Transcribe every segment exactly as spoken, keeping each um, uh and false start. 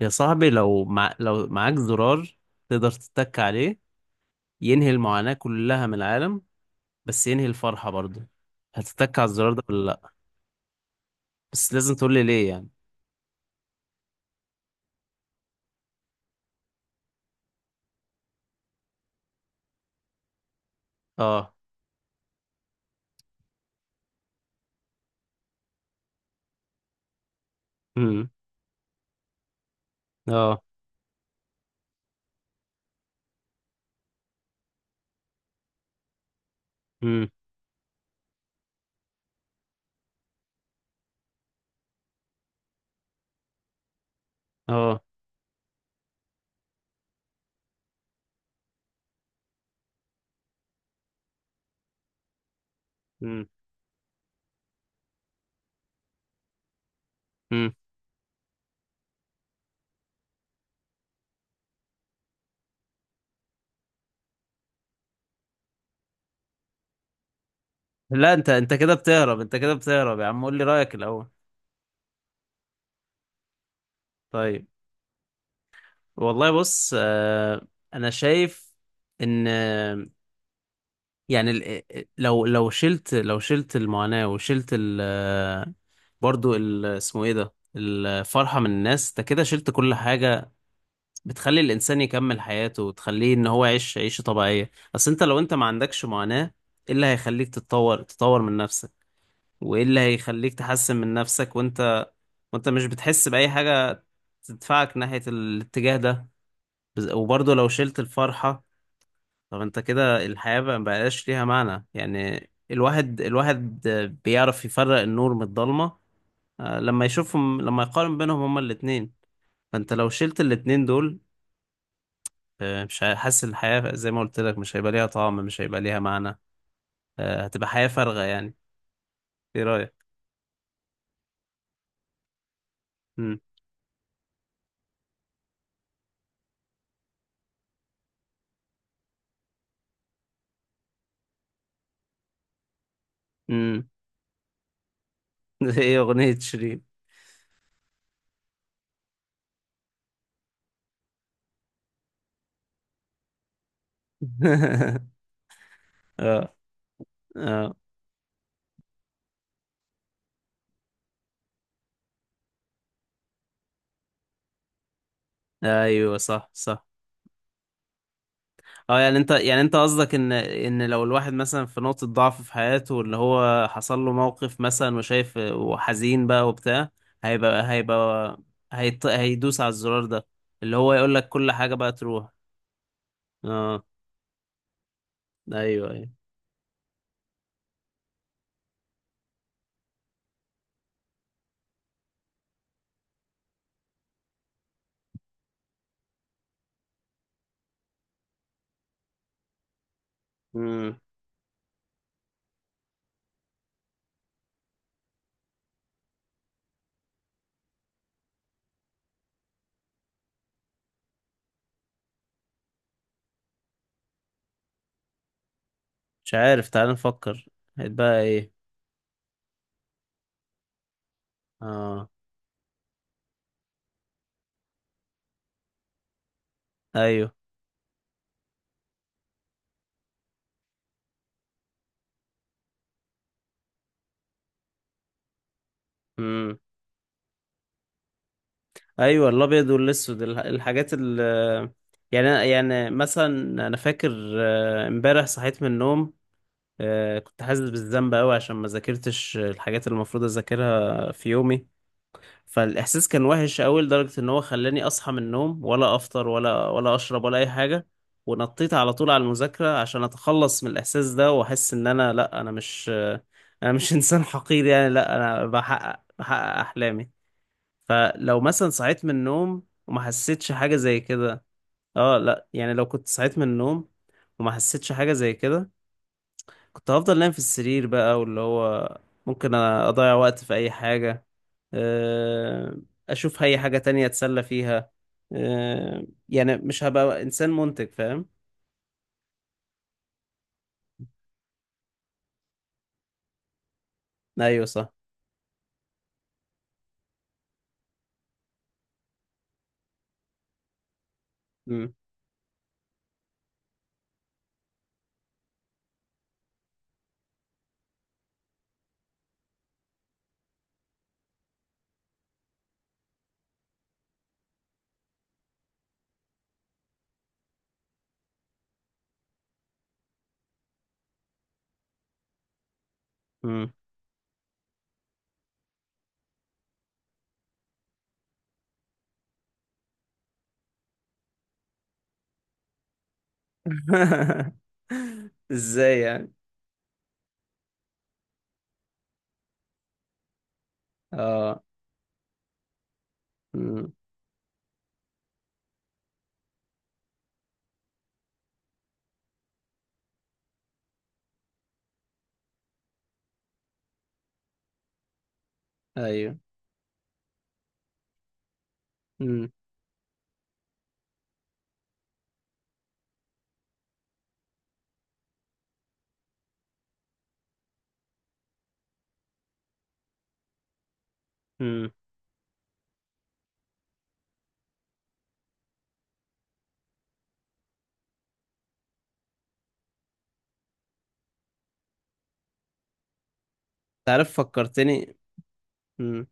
يا صاحبي، لو مع... لو معاك زرار تقدر تتك عليه ينهي المعاناة كلها من العالم، بس ينهي الفرحة برضه. هتتك على الزرار ده ولا لأ؟ بس لازم تقول لي ليه يعني. اه. امم. اه. امم. اه. امم. امم. لا، انت انت كده بتهرب، انت كده بتهرب يا عم، قول لي رأيك الأول. طيب. والله بص، آه... انا شايف ان يعني ال- إيه، إيه، لو لو شلت لو شلت المعاناة وشلت ال برضو ال اسمه ايه ده الفرحة من الناس، ده كده شلت كل حاجة بتخلي الإنسان يكمل حياته وتخليه إن هو يعيش عيشة طبيعية. أصل أنت لو أنت ما عندكش معاناة، إيه اللي هيخليك تتطور تطور من نفسك؟ وإيه اللي هيخليك تحسن من نفسك، وأنت وأنت مش بتحس بأي حاجة تدفعك ناحية الاتجاه ده؟ بز- وبرضو لو شلت الفرحة، طب انت كده الحياة بقى مبقاش ليها معنى، يعني الواحد، الواحد بيعرف يفرق النور من الضلمة آه، لما يشوفهم لما يقارن بينهم هما الاتنين. فانت لو شلت الاتنين دول، آه، مش ه- حاسس الحياة زي ما قلت لك مش هيبقى ليها طعم، مش هيبقى ليها معنى، آه، هتبقى حياة فارغة يعني. ايه رأيك؟ مم. مم. ايه أغنية شيرين؟ اه. اه. ايوه، صح صح. اه، يعني انت يعني انت قصدك ان ان لو الواحد مثلا في نقطة ضعف في حياته، اللي هو حصل له موقف مثلا وشايف وحزين بقى وبتاع، هيبقى، هيبقى هيط... هيدوس على الزرار ده اللي هو يقول لك كل حاجة بقى تروح. اه. ايوه، ايوه. امم. مش عارف، تعال نفكر. هيتبقى ايه؟ اه. ايوه. امم. ايوه، الابيض والاسود، الح- الحاجات ال يعني، يعني مثلا انا فاكر آه، امبارح صحيت من النوم، آه، كنت حاسس بالذنب قوي عشان ما ذاكرتش الحاجات اللي المفروض اذاكرها في يومي. فالاحساس كان وحش قوي لدرجه ان هو خلاني اصحى من النوم ولا افطر ولا، ولا اشرب ولا اي حاجه، ونطيت على طول على المذاكره عشان اتخلص من الاحساس ده واحس ان انا لا، انا مش آه، انا مش انسان حقير يعني. لا، انا بحقق بحقق احلامي. فلو مثلا صحيت من النوم وما حسيتش حاجه زي كده. اه، لا، يعني لو كنت صحيت من النوم وما حسيتش حاجه زي كده، كنت هفضل نايم في السرير بقى، واللي هو ممكن اضيع وقت في اي حاجة، آه، اشوف اي حاجة تانية اتسلى فيها، آه، يعني مش هبقى انسان منتج، فاهم. ايوه، صح. مم. مم. ازاي يعني؟ اه. مم. ايوه. مم. مم. تعرف فكرتني. مم.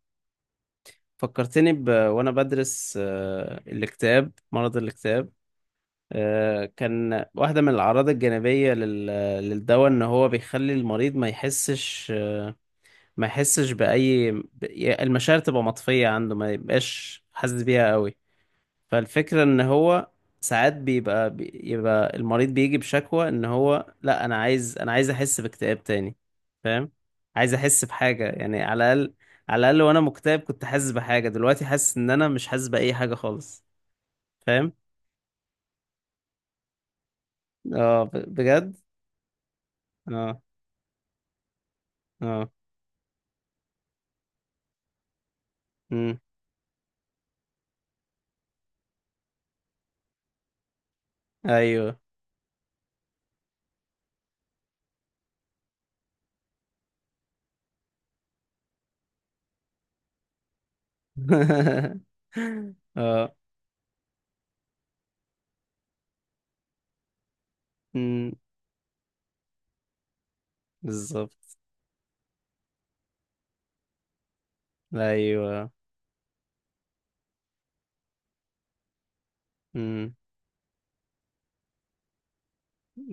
فكرتني ب... وانا بدرس آه، الاكتئاب مرض الاكتئاب، آه، كان واحدة من الأعراض الجانبية لل- للدواء إن هو بيخلي المريض ما يحسش آه، ما يحسش بأي، ب- ي- المشاعر تبقى مطفية عنده، ما يبقاش حاسس بيها قوي. فالفكرة إن هو ساعات بيبقى، بيبقى المريض بيجي بشكوى إن هو لا، أنا عايز أنا عايز أحس باكتئاب تاني، فاهم. عايز أحس بحاجة يعني على الأقل. على الأقل وأنا مكتئب كنت حاسس بحاجة، دلوقتي حاسس إن أنا مش حاسس بأي حاجة خالص، فاهم. اه، ب- بجد. اه. اه. امم. ايوه. اه. امم. بالظبط. ايوه. امم.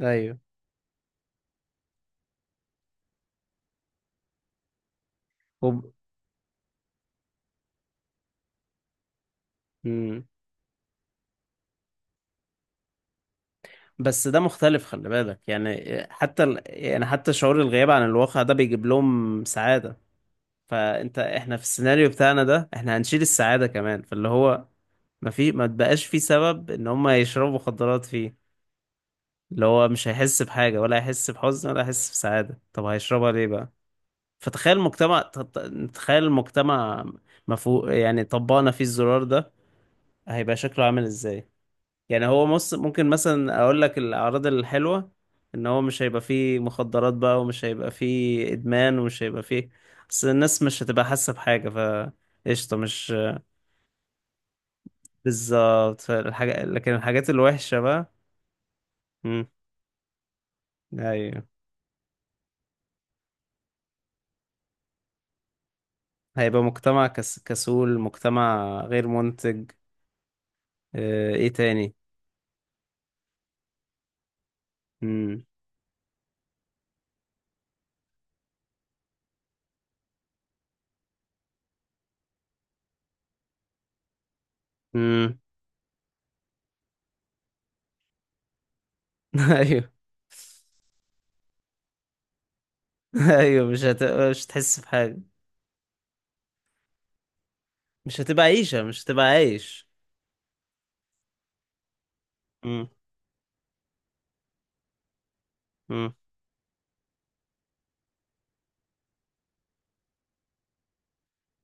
ايوه. وب... امم. بس ده مختلف، خلي بالك يعني. حتى ال... يعني حتى شعور الغياب عن الواقع ده بيجيب لهم سعادة. فانت احنا في السيناريو بتاعنا ده احنا هنشيل السعادة كمان، فاللي هو ما في ما تبقاش في سبب ان هم يشربوا مخدرات فيه، اللي هو مش هيحس بحاجة ولا هيحس بحزن ولا هيحس بسعادة، طب هيشربها ليه بقى؟ فتخيل مجتمع تط- تخيل مجتمع، مفهو يعني طبقنا فيه الزرار ده، هيبقى شكله عامل ازاي؟ يعني هو مص... ممكن مثلا اقول لك الاعراض الحلوة ان هو مش هيبقى فيه مخدرات بقى، ومش هيبقى فيه ادمان، ومش هيبقى فيه. بس الناس مش هتبقى حاسة بحاجة، ف قشطة، مش بالظبط الحاجة. لكن الحاجات الوحشة بقى، امم، ايوه، هيبقى مجتمع كس... كسول، مجتمع غير منتج. اه... ايه تاني؟ امم. امم. ايوه. ايوه، مش هت... مش هتحس بحاجه، مش هتبقى عيشه، مش هتبقى عايش. امم. امم.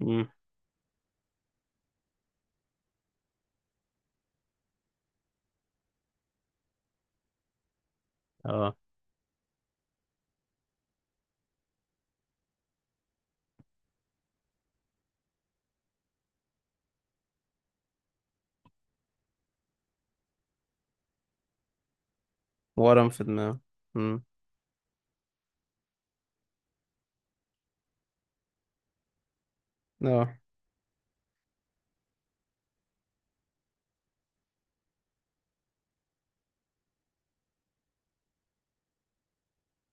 امم. اه. ورم في دماغه. امم. اه.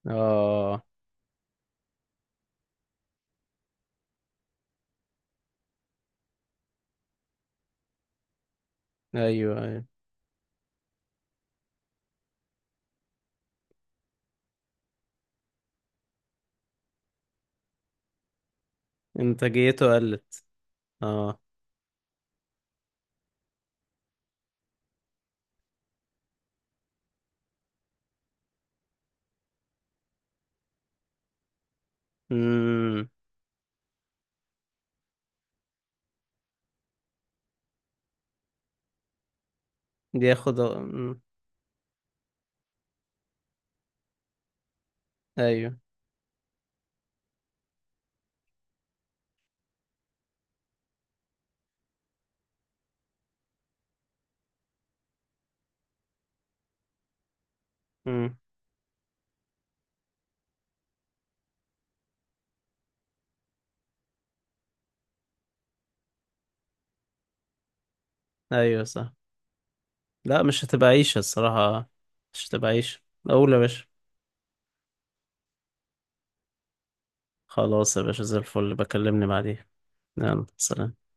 اه. ايوه، ايوه. انتاجيته قلت. اه. امم. بياخد. امم. ايوه. امم. ايوه، صح. لا، مش هتبقى عيشه الصراحه، مش هتبقى عيشه. اقول يا باشا. خلاص يا باشا، زي الفل، بكلمني بعدين. يلا، سلام.